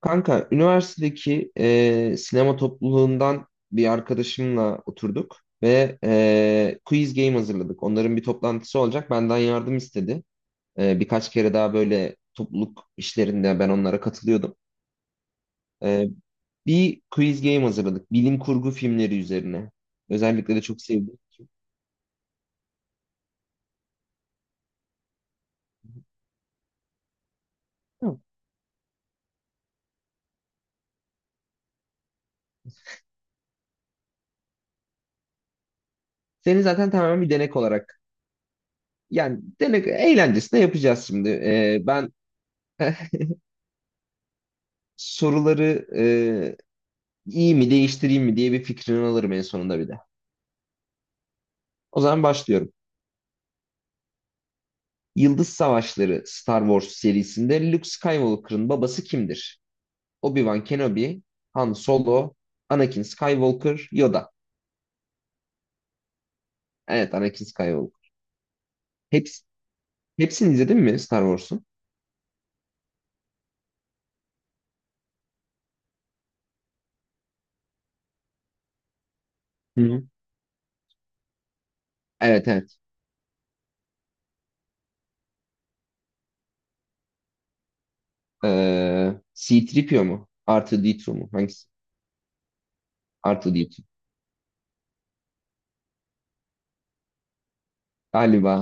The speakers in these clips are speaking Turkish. Kanka, üniversitedeki sinema topluluğundan bir arkadaşımla oturduk ve quiz game hazırladık. Onların bir toplantısı olacak. Benden yardım istedi. Birkaç kere daha böyle topluluk işlerinde ben onlara katılıyordum. E, bir quiz game hazırladık. Bilim kurgu filmleri üzerine. Özellikle de çok sevdiğim için. Tamam. Seni zaten tamamen bir denek olarak. Yani denek eğlencesine yapacağız şimdi. Ben soruları iyi mi değiştireyim mi diye bir fikrini alırım en sonunda bir de. O zaman başlıyorum. Yıldız Savaşları Star Wars serisinde Luke Skywalker'ın babası kimdir? Obi-Wan Kenobi, Han Solo, Anakin Skywalker, Yoda. Evet, Anakin Skywalker. Hepsi, hepsini izledin mi Star Wars'un? Hı hı. Evet, evet. C-3PO mu? R2-D2 mu? Hangisi? R2-D2. Galiba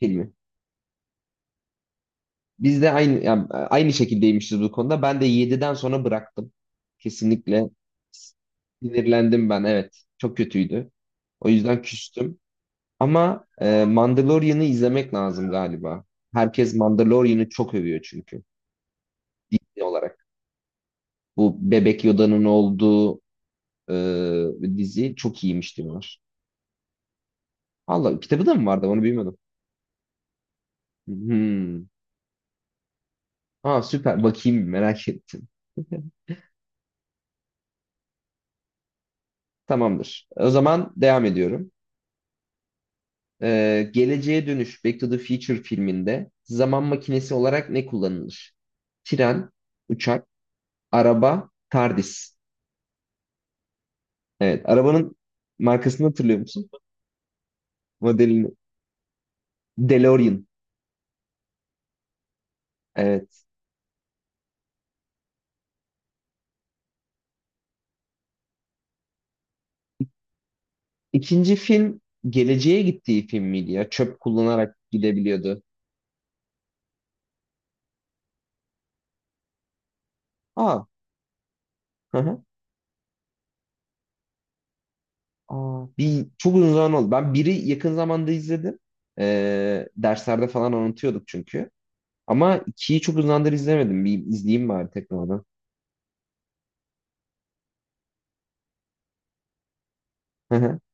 filmi. Biz de aynı, yani aynı şekildeymişiz bu konuda. Ben de yediden sonra bıraktım. Kesinlikle sinirlendim ben. Evet. Çok kötüydü. O yüzden küstüm. Ama Mandalorian'ı izlemek lazım galiba. Herkes Mandalorian'ı çok övüyor çünkü. Dizi olarak. Bu Bebek Yoda'nın olduğu dizi çok iyiymiş diyorlar. Allah kitabı da mı vardı? Onu bilmiyordum. Hmm. Aa, süper. Bakayım, merak ettim. Tamamdır. O zaman devam ediyorum. Geleceğe Dönüş Back to the Future filminde zaman makinesi olarak ne kullanılır? Tren, uçak, araba, TARDIS. Evet, arabanın markasını hatırlıyor musun? Modelini. DeLorean. Evet. İkinci film geleceğe gittiği film miydi ya? Çöp kullanarak gidebiliyordu. Aa, hı hı. Aa, bir çok uzun zaman oldu. Ben biri yakın zamanda izledim. Derslerde falan unutuyorduk çünkü. Ama ikiyi çok uzun zamandır izlemedim. Bir izleyeyim bari tekrardan.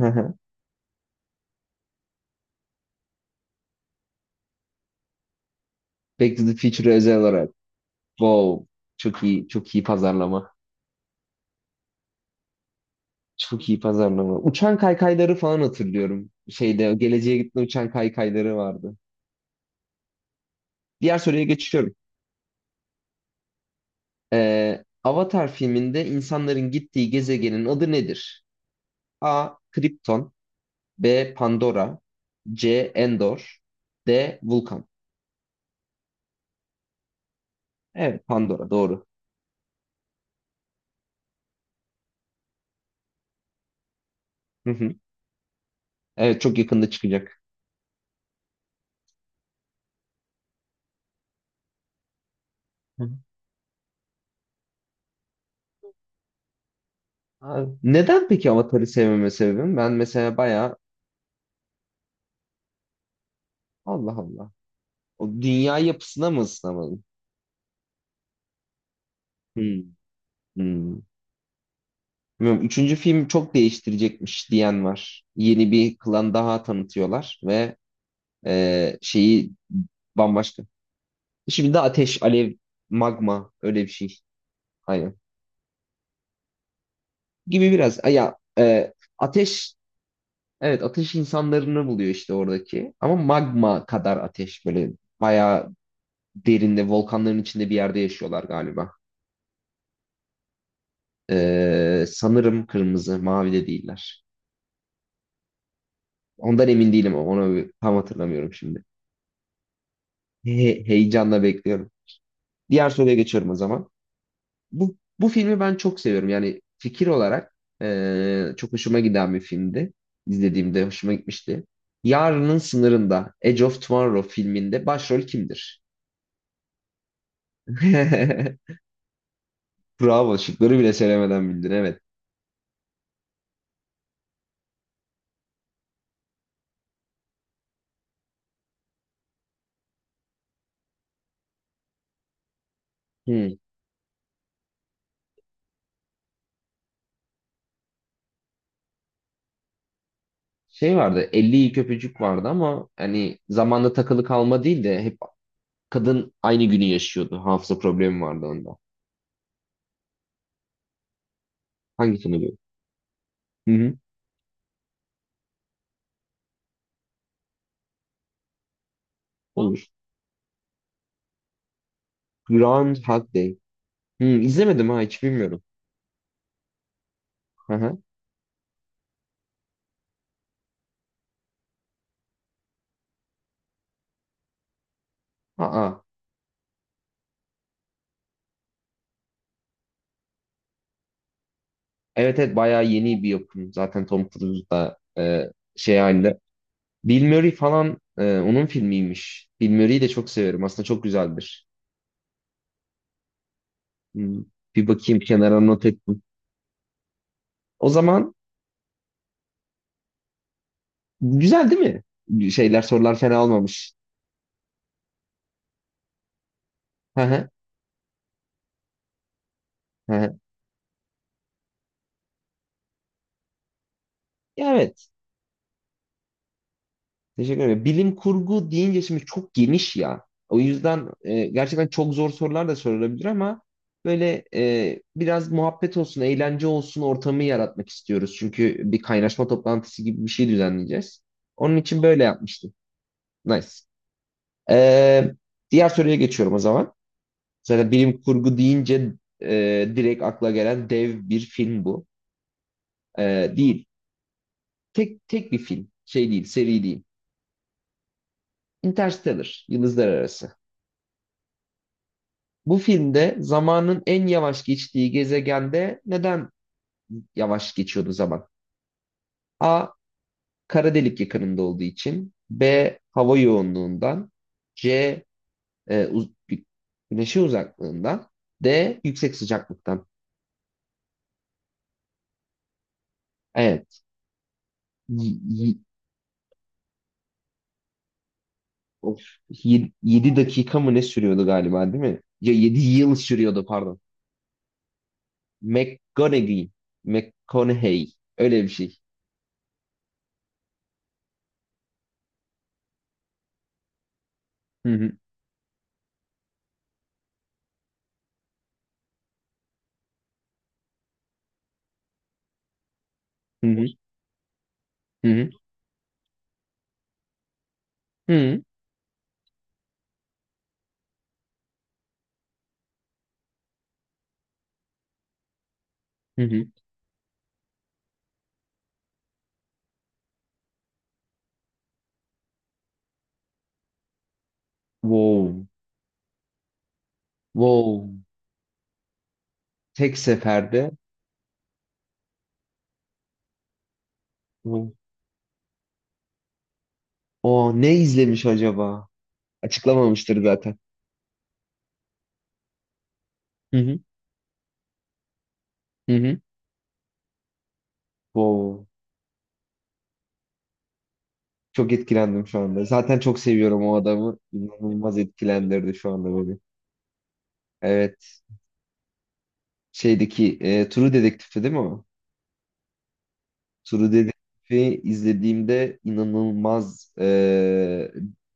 Hı hı. Back to the Future'a özel olarak. Wow. Çok iyi, çok iyi pazarlama. Çok iyi pazarlama. Uçan kaykayları falan hatırlıyorum. Şeyde geleceğe gitme uçan kaykayları vardı. Diğer soruya geçiyorum. Avatar filminde insanların gittiği gezegenin adı nedir? A. Krypton. B. Pandora. C. Endor. D. Vulkan. Evet, Pandora doğru. Hı hı. Evet, çok yakında çıkacak. Hı hı. Abi, neden peki Avatar'ı sevmeme sebebim? Ben mesela bayağı. Allah Allah. O dünya yapısına mı ısınamadın? Hmm. Hmm. Bilmiyorum. Üçüncü film çok değiştirecekmiş diyen var. Yeni bir klan daha tanıtıyorlar ve şeyi bambaşka. Şimdi de ateş, alev, magma, öyle bir şey. Aynen. Gibi biraz. Ay, ya, e, ateş evet, ateş insanlarını buluyor işte oradaki. Ama magma kadar ateş böyle bayağı derinde volkanların içinde bir yerde yaşıyorlar galiba. Sanırım kırmızı, mavi de değiller. Ondan emin değilim ama onu tam hatırlamıyorum şimdi. Heyecanla bekliyorum. Diğer soruya geçiyorum o zaman. Bu filmi ben çok seviyorum. Yani fikir olarak çok hoşuma giden bir filmdi. İzlediğimde hoşuma gitmişti. Yarının Sınırında, Edge of Tomorrow filminde başrol kimdir? Bravo, şıkları bile söylemeden bildin, evet. Hmm. Şey vardı, 50 ilk öpücük vardı ama hani zamanda takılı kalma değil de hep kadın aynı günü yaşıyordu. Hafıza problemi vardı onda. Hangisini diyor? Hı hı. Olur. Groundhog Day. Hmm, izlemedim ha, hiç bilmiyorum. Hı hı. Aa. Evet evet, bayağı yeni bir yapım. Zaten Tom Cruise da şey halinde. Bill Murray falan, onun filmiymiş. Bill Murray'i de çok severim. Aslında çok güzeldir. Hmm, Bir bakayım, kenara not ettim. O zaman güzel değil mi? Sorular fena olmamış. Hı hı. Hı hı. Ya, evet. Teşekkür ederim. Bilim kurgu deyince şimdi çok geniş ya. O yüzden gerçekten çok zor sorular da sorulabilir ama böyle biraz muhabbet olsun, eğlence olsun ortamı yaratmak istiyoruz. Çünkü bir kaynaşma toplantısı gibi bir şey düzenleyeceğiz. Onun için böyle yapmıştım. Nice. E, diğer soruya geçiyorum o zaman. Zaten bilim kurgu deyince e, direkt akla gelen dev bir film bu. E, değil. Tek tek bir film. Şey değil, seri değil. Interstellar, Yıldızlar Arası. Bu filmde zamanın en yavaş geçtiği gezegende neden yavaş geçiyordu zaman? A. Kara delik yakınında olduğu için. B. Hava yoğunluğundan. C. E, uz- gü- güneşin uzaklığından. D. Yüksek sıcaklıktan. Evet. 7 dakika mı ne sürüyordu galiba, değil mi? Ya, 7 yıl sürüyordu, pardon. McGonaghy. McConaughey. Öyle bir şey. Hı hı. Hı hı. Hı hı. Hı hı. Hı hı. Wow. Wow. Tek seferde. O o ne izlemiş acaba? Açıklamamıştır zaten. Hı hı. Hı hı. Wow. Çok etkilendim şu anda. Zaten çok seviyorum o adamı. İnanılmaz etkilendirdi şu anda beni. Evet. Şeydeki True Detective'ti değil mi o? True Detective'i izlediğimde inanılmaz,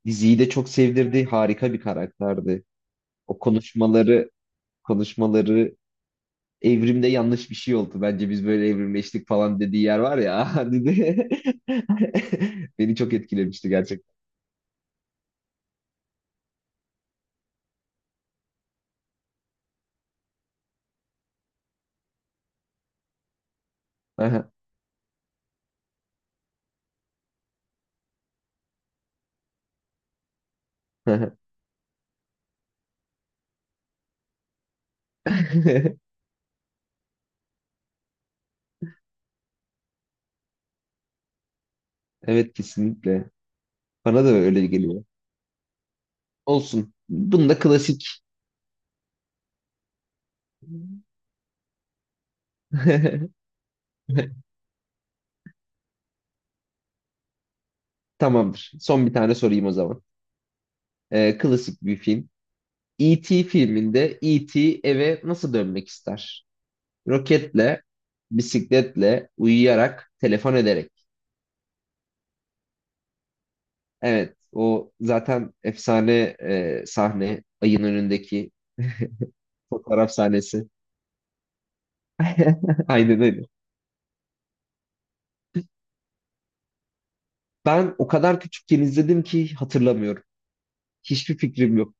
diziyi de çok sevdirdi. Harika bir karakterdi. O konuşmaları evrimde yanlış bir şey oldu. Bence biz böyle evrimleştik falan dediği yer var ya. dedi. Beni çok etkilemişti gerçekten. Aha, aha. Evet, kesinlikle. Bana da öyle geliyor. Olsun. Bunda klasik. Tamamdır. Son bir tane sorayım o zaman. Klasik bir film. E.T. filminde E.T. eve nasıl dönmek ister? Roketle, bisikletle, uyuyarak, telefon ederek. Evet, o zaten efsane sahne, ayın önündeki fotoğraf sahnesi. Aynen öyle. Ben o kadar küçükken izledim ki hatırlamıyorum. Hiçbir fikrim yok.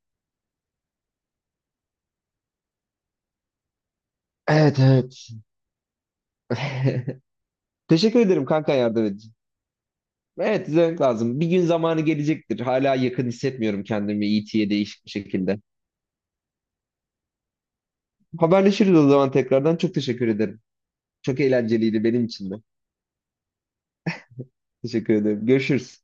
Evet evet. Teşekkür ederim kanka, yardım edici. Evet, izlemek lazım. Bir gün zamanı gelecektir. Hala yakın hissetmiyorum kendimi E.T.'ye, değişik bir şekilde. Haberleşiriz o zaman tekrardan. Çok teşekkür ederim. Çok eğlenceliydi benim için de. Teşekkür ederim. Görüşürüz.